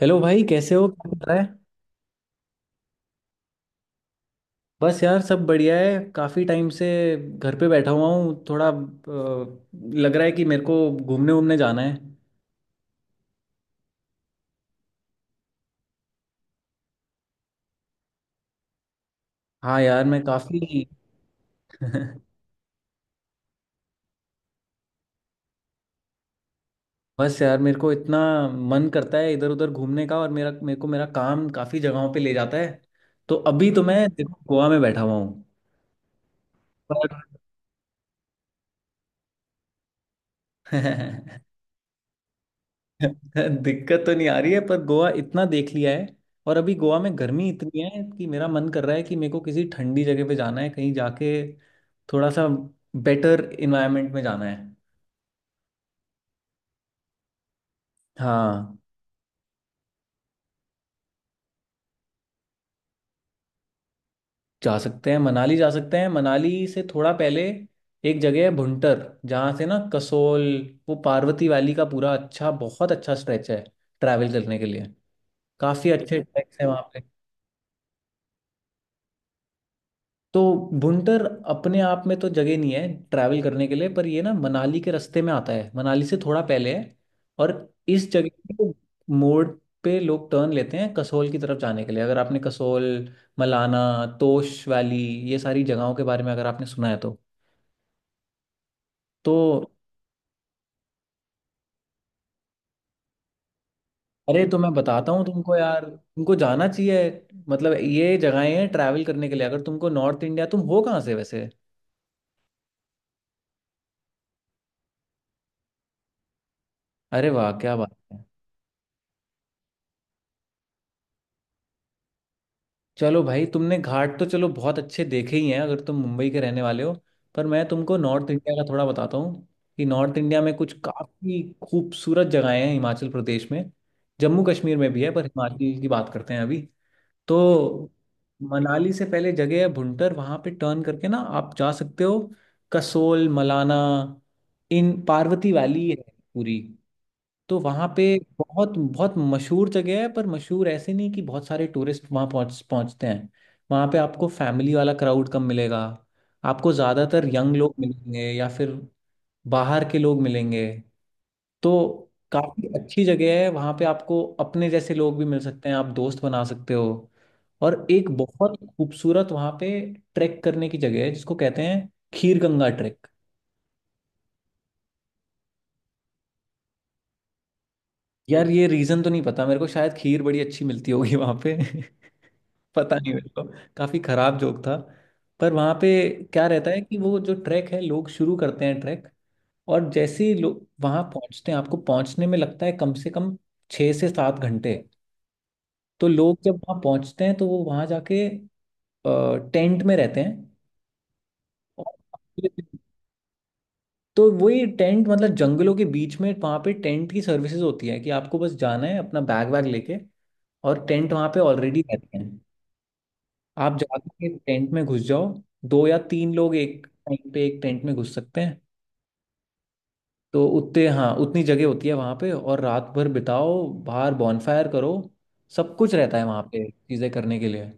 Hello भाई, कैसे हो? क्या चल रहा है? बस यार, सब बढ़िया है। काफ़ी टाइम से घर पे बैठा हुआ हूँ, थोड़ा लग रहा है कि मेरे को घूमने वूमने जाना है। हाँ यार, मैं काफ़ी बस यार, मेरे को इतना मन करता है इधर उधर घूमने का, और मेरा मेरे को मेरा काम काफ़ी जगहों पे ले जाता है। तो अभी तो मैं, देखो, गोवा में बैठा हुआ हूँ, पर दिक्कत तो नहीं आ रही है, पर गोवा इतना देख लिया है। और अभी गोवा में गर्मी इतनी है कि मेरा मन कर रहा है कि मेरे को किसी ठंडी जगह पे जाना है, कहीं जाके थोड़ा सा बेटर इन्वायरमेंट में जाना है। हाँ, जा सकते हैं, मनाली जा सकते हैं। मनाली से थोड़ा पहले एक जगह है भुंटर, जहाँ से ना कसोल, वो पार्वती वैली का पूरा बहुत अच्छा स्ट्रेच है ट्रैवल करने के लिए। काफ़ी अच्छे ट्रैक्स हैं वहाँ। तो भुंटर अपने आप में तो जगह नहीं है ट्रैवल करने के लिए, पर ये ना मनाली के रास्ते में आता है, मनाली से थोड़ा पहले है। और इस जगह को मोड़ पे लोग टर्न लेते हैं कसोल की तरफ जाने के लिए। अगर आपने कसोल, मलाना, तोश वैली, ये सारी जगहों के बारे में अगर आपने सुना है तो अरे, तो मैं बताता हूँ तुमको यार, तुमको जाना चाहिए। मतलब ये जगहें हैं ट्रैवल करने के लिए, अगर तुमको नॉर्थ इंडिया। तुम हो कहाँ से वैसे? अरे वाह, क्या बात है! चलो भाई, तुमने घाट तो चलो बहुत अच्छे देखे ही हैं अगर तुम मुंबई के रहने वाले हो। पर मैं तुमको नॉर्थ इंडिया का थोड़ा बताता हूँ कि नॉर्थ इंडिया में कुछ काफ़ी खूबसूरत जगहें हैं हिमाचल प्रदेश में। जम्मू कश्मीर में भी है, पर हिमाचल की बात करते हैं अभी। तो मनाली से पहले जगह है भुंटर, वहां पे टर्न करके ना आप जा सकते हो कसोल, मलाना। इन पार्वती वैली है पूरी। तो वहाँ पे बहुत बहुत मशहूर जगह है, पर मशहूर ऐसे नहीं कि बहुत सारे टूरिस्ट वहाँ पहुँचते हैं। वहाँ पे आपको फैमिली वाला क्राउड कम मिलेगा। आपको ज़्यादातर यंग लोग मिलेंगे या फिर बाहर के लोग मिलेंगे। तो काफी अच्छी जगह है, वहां पे आपको अपने जैसे लोग भी मिल सकते हैं, आप दोस्त बना सकते हो। और एक बहुत खूबसूरत वहां पे ट्रैक करने की जगह है जिसको कहते हैं खीर गंगा ट्रैक। यार, ये रीजन तो नहीं पता मेरे को, शायद खीर बड़ी अच्छी मिलती होगी वहां पे। पता नहीं मेरे को। काफी खराब जोक था। पर वहां पे क्या रहता है कि वो जो ट्रैक है, लोग शुरू करते हैं ट्रैक। और जैसे ही लोग वहां पहुंचते हैं, आपको पहुंचने में लगता है कम से कम 6 से 7 घंटे। तो लोग जब वहाँ पहुँचते हैं तो वो वहाँ जाके टेंट में रहते हैं। और तो वही टेंट, मतलब जंगलों के बीच में वहाँ पे टेंट की सर्विसेज होती है कि आपको बस जाना है अपना बैग वैग लेके, और टेंट वहाँ पे ऑलरेडी रहते हैं। आप जाके टेंट में घुस जाओ। दो या तीन लोग एक टाइम पे एक टेंट में घुस सकते हैं। तो उतने, हाँ, उतनी जगह होती है वहाँ पे, और रात भर बिताओ, बाहर बॉनफायर करो। सब कुछ रहता है वहाँ पे चीज़ें करने के लिए।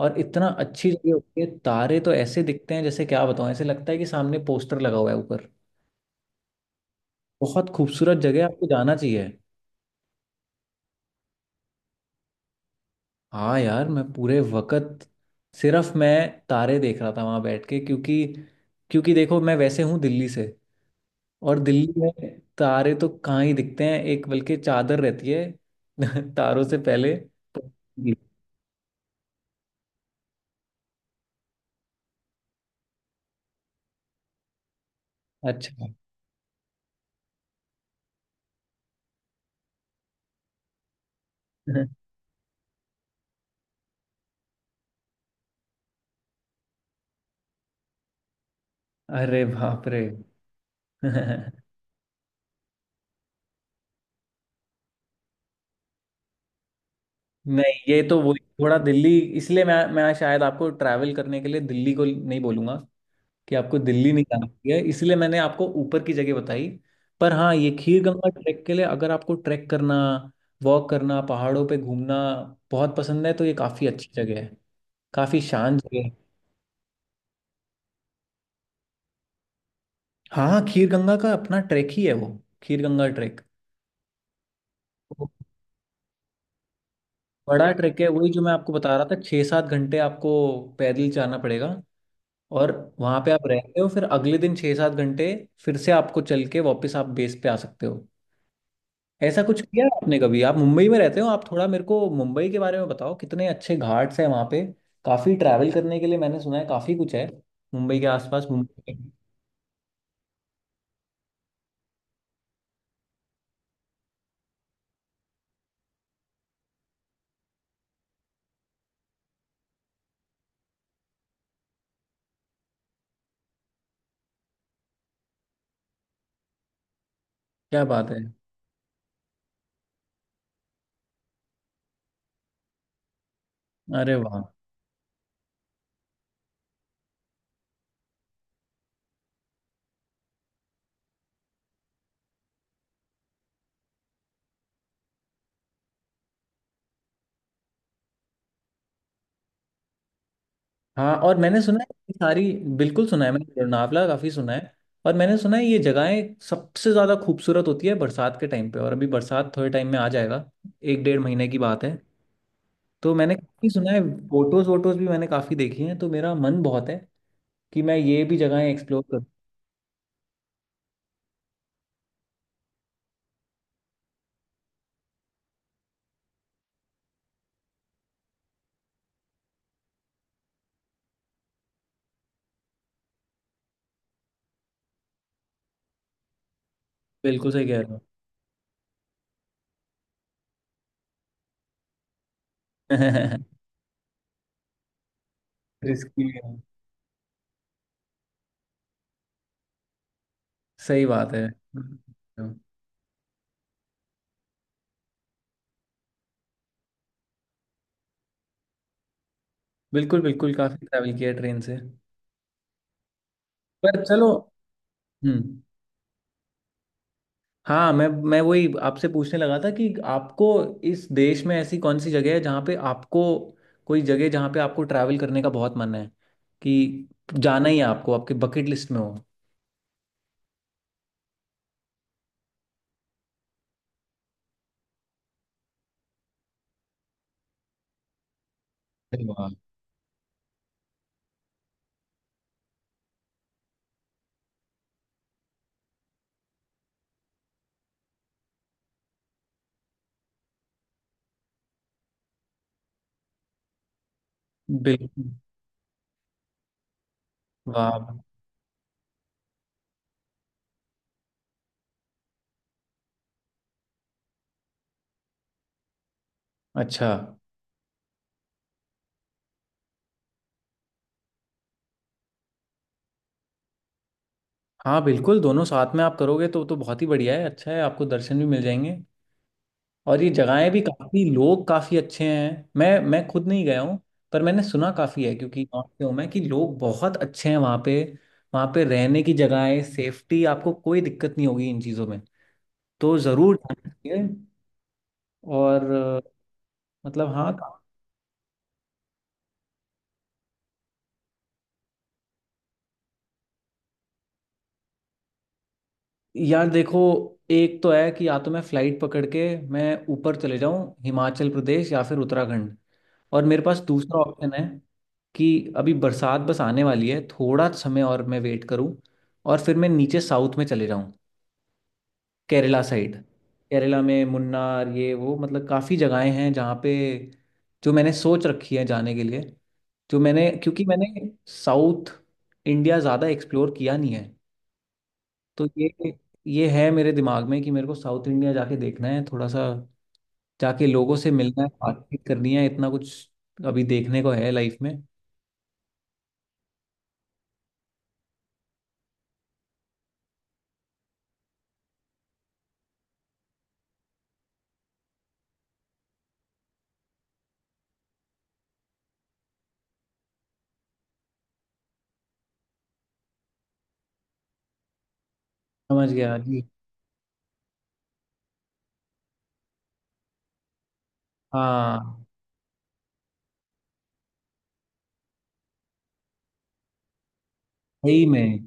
और इतना अच्छी जगह होती है, तारे तो ऐसे दिखते हैं, जैसे क्या बताऊँ, ऐसे लगता है कि सामने पोस्टर लगा हुआ है ऊपर। बहुत खूबसूरत जगह है, आपको जाना चाहिए। हाँ यार, मैं पूरे वक्त, सिर्फ मैं तारे देख रहा था वहाँ बैठ के। क्योंकि क्योंकि देखो, मैं वैसे हूँ दिल्ली से, और दिल्ली में तारे तो कहाँ ही दिखते हैं, एक बल्कि चादर रहती है। तारों से पहले। अच्छा। अरे बाप रे! नहीं, ये तो वही थोड़ा दिल्ली, इसलिए मैं शायद आपको ट्रैवल करने के लिए दिल्ली को नहीं बोलूंगा, कि आपको दिल्ली नहीं जाना चाहिए, इसलिए मैंने आपको ऊपर की जगह बताई। पर हाँ, ये खीर गंगा ट्रैक के लिए अगर आपको ट्रैक करना, वॉक करना, पहाड़ों पे घूमना बहुत पसंद है तो ये काफ़ी अच्छी जगह है, काफ़ी शांत जगह। हाँ, खीर गंगा का अपना ट्रैक ही है वो, खीर गंगा ट्रैक। वो बड़ा ट्रैक है, वही जो मैं आपको बता रहा था, 6 7 घंटे आपको पैदल जाना पड़ेगा। और वहाँ पे आप रहते हो, फिर अगले दिन 6 7 घंटे फिर से आपको चल के वापस आप बेस पे आ सकते हो। ऐसा कुछ किया है आपने कभी? आप मुंबई में रहते हो, आप थोड़ा मेरे को मुंबई के बारे में बताओ, कितने अच्छे घाट्स हैं वहाँ पे। काफ़ी ट्रैवल करने के लिए मैंने सुना है, काफ़ी कुछ है मुंबई के आसपास, मुंबई। क्या बात है! अरे वाह! हाँ, और मैंने सुना है ये सारी। बिल्कुल सुना है मैंने, लोनावला काफ़ी सुना है। और मैंने सुना है ये जगहें सबसे ज़्यादा खूबसूरत होती है बरसात के टाइम पे, और अभी बरसात थोड़े टाइम में आ जाएगा, एक डेढ़ महीने की बात है। तो मैंने काफ़ी सुना है, फोटोज़ वोटोज़ भी मैंने काफ़ी देखी हैं, तो मेरा मन बहुत है कि मैं ये भी जगहें एक्सप्लोर करूँ। बिल्कुल सही कह रहा हूँ रिस्की है। सही बात है। बिल्कुल बिल्कुल, काफ़ी ट्रैवल किया ट्रेन से। पर चलो। हम्म। हाँ, मैं वही आपसे पूछने लगा था कि आपको इस देश में ऐसी कौन सी जगह है जहाँ पे आपको कोई जगह जहाँ पे आपको ट्रैवल करने का बहुत मन है, कि जाना ही है आपको, आपकी बकेट लिस्ट में हो। अरे वाह! बिल्कुल! वाह! अच्छा। हाँ बिल्कुल, दोनों साथ में आप करोगे तो बहुत ही बढ़िया है, अच्छा है, आपको दर्शन भी मिल जाएंगे। और ये जगहें भी, काफ़ी लोग काफ़ी अच्छे हैं, मैं खुद नहीं गया हूँ, पर मैंने सुना काफ़ी है क्योंकि नॉर्थ से हूँ मैं, कि लोग बहुत अच्छे हैं वहाँ पे। वहाँ पे रहने की जगहें, सेफ्टी, आपको कोई दिक्कत नहीं होगी इन चीज़ों में। तो ज़रूर जाना चाहिए। और मतलब हाँ, यार देखो, एक तो है कि या तो मैं फ़्लाइट पकड़ के मैं ऊपर चले जाऊँ हिमाचल प्रदेश या फिर उत्तराखंड, और मेरे पास दूसरा ऑप्शन है कि अभी बरसात बस आने वाली है, थोड़ा समय और मैं वेट करूं, और फिर मैं नीचे साउथ में चले जाऊं, केरला साइड। केरला में मुन्नार, ये वो, मतलब काफ़ी जगहें हैं जहाँ पे जो मैंने सोच रखी है जाने के लिए, जो मैंने क्योंकि मैंने साउथ इंडिया ज़्यादा एक्सप्लोर किया नहीं है। तो ये है मेरे दिमाग में कि मेरे को साउथ इंडिया जाके देखना है थोड़ा सा, जाके लोगों से मिलना है, बातचीत करनी है, इतना कुछ अभी देखने को है लाइफ में। समझ गया जी। हाँ सही में,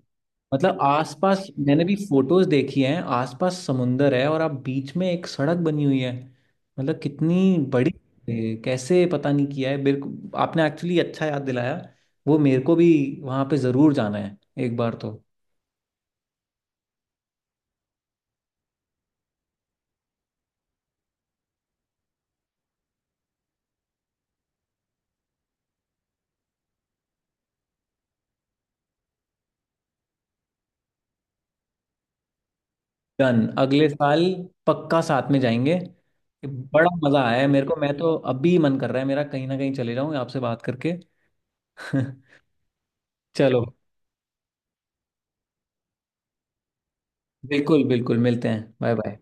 मतलब आसपास मैंने भी फोटोज देखी हैं, आसपास समुंदर है और आप बीच में एक सड़क बनी हुई है, मतलब कितनी बड़ी। कैसे, पता नहीं, किया है मेरे को आपने एक्चुअली अच्छा याद दिलाया, वो मेरे को भी वहां पे जरूर जाना है एक बार तो। डन, अगले साल पक्का साथ में जाएंगे। बड़ा मजा आया है मेरे को, मैं तो अभी मन कर रहा है मेरा कहीं ना कहीं चले जाऊं आपसे बात करके। चलो। बिल्कुल बिल्कुल, मिलते हैं। Bye bye.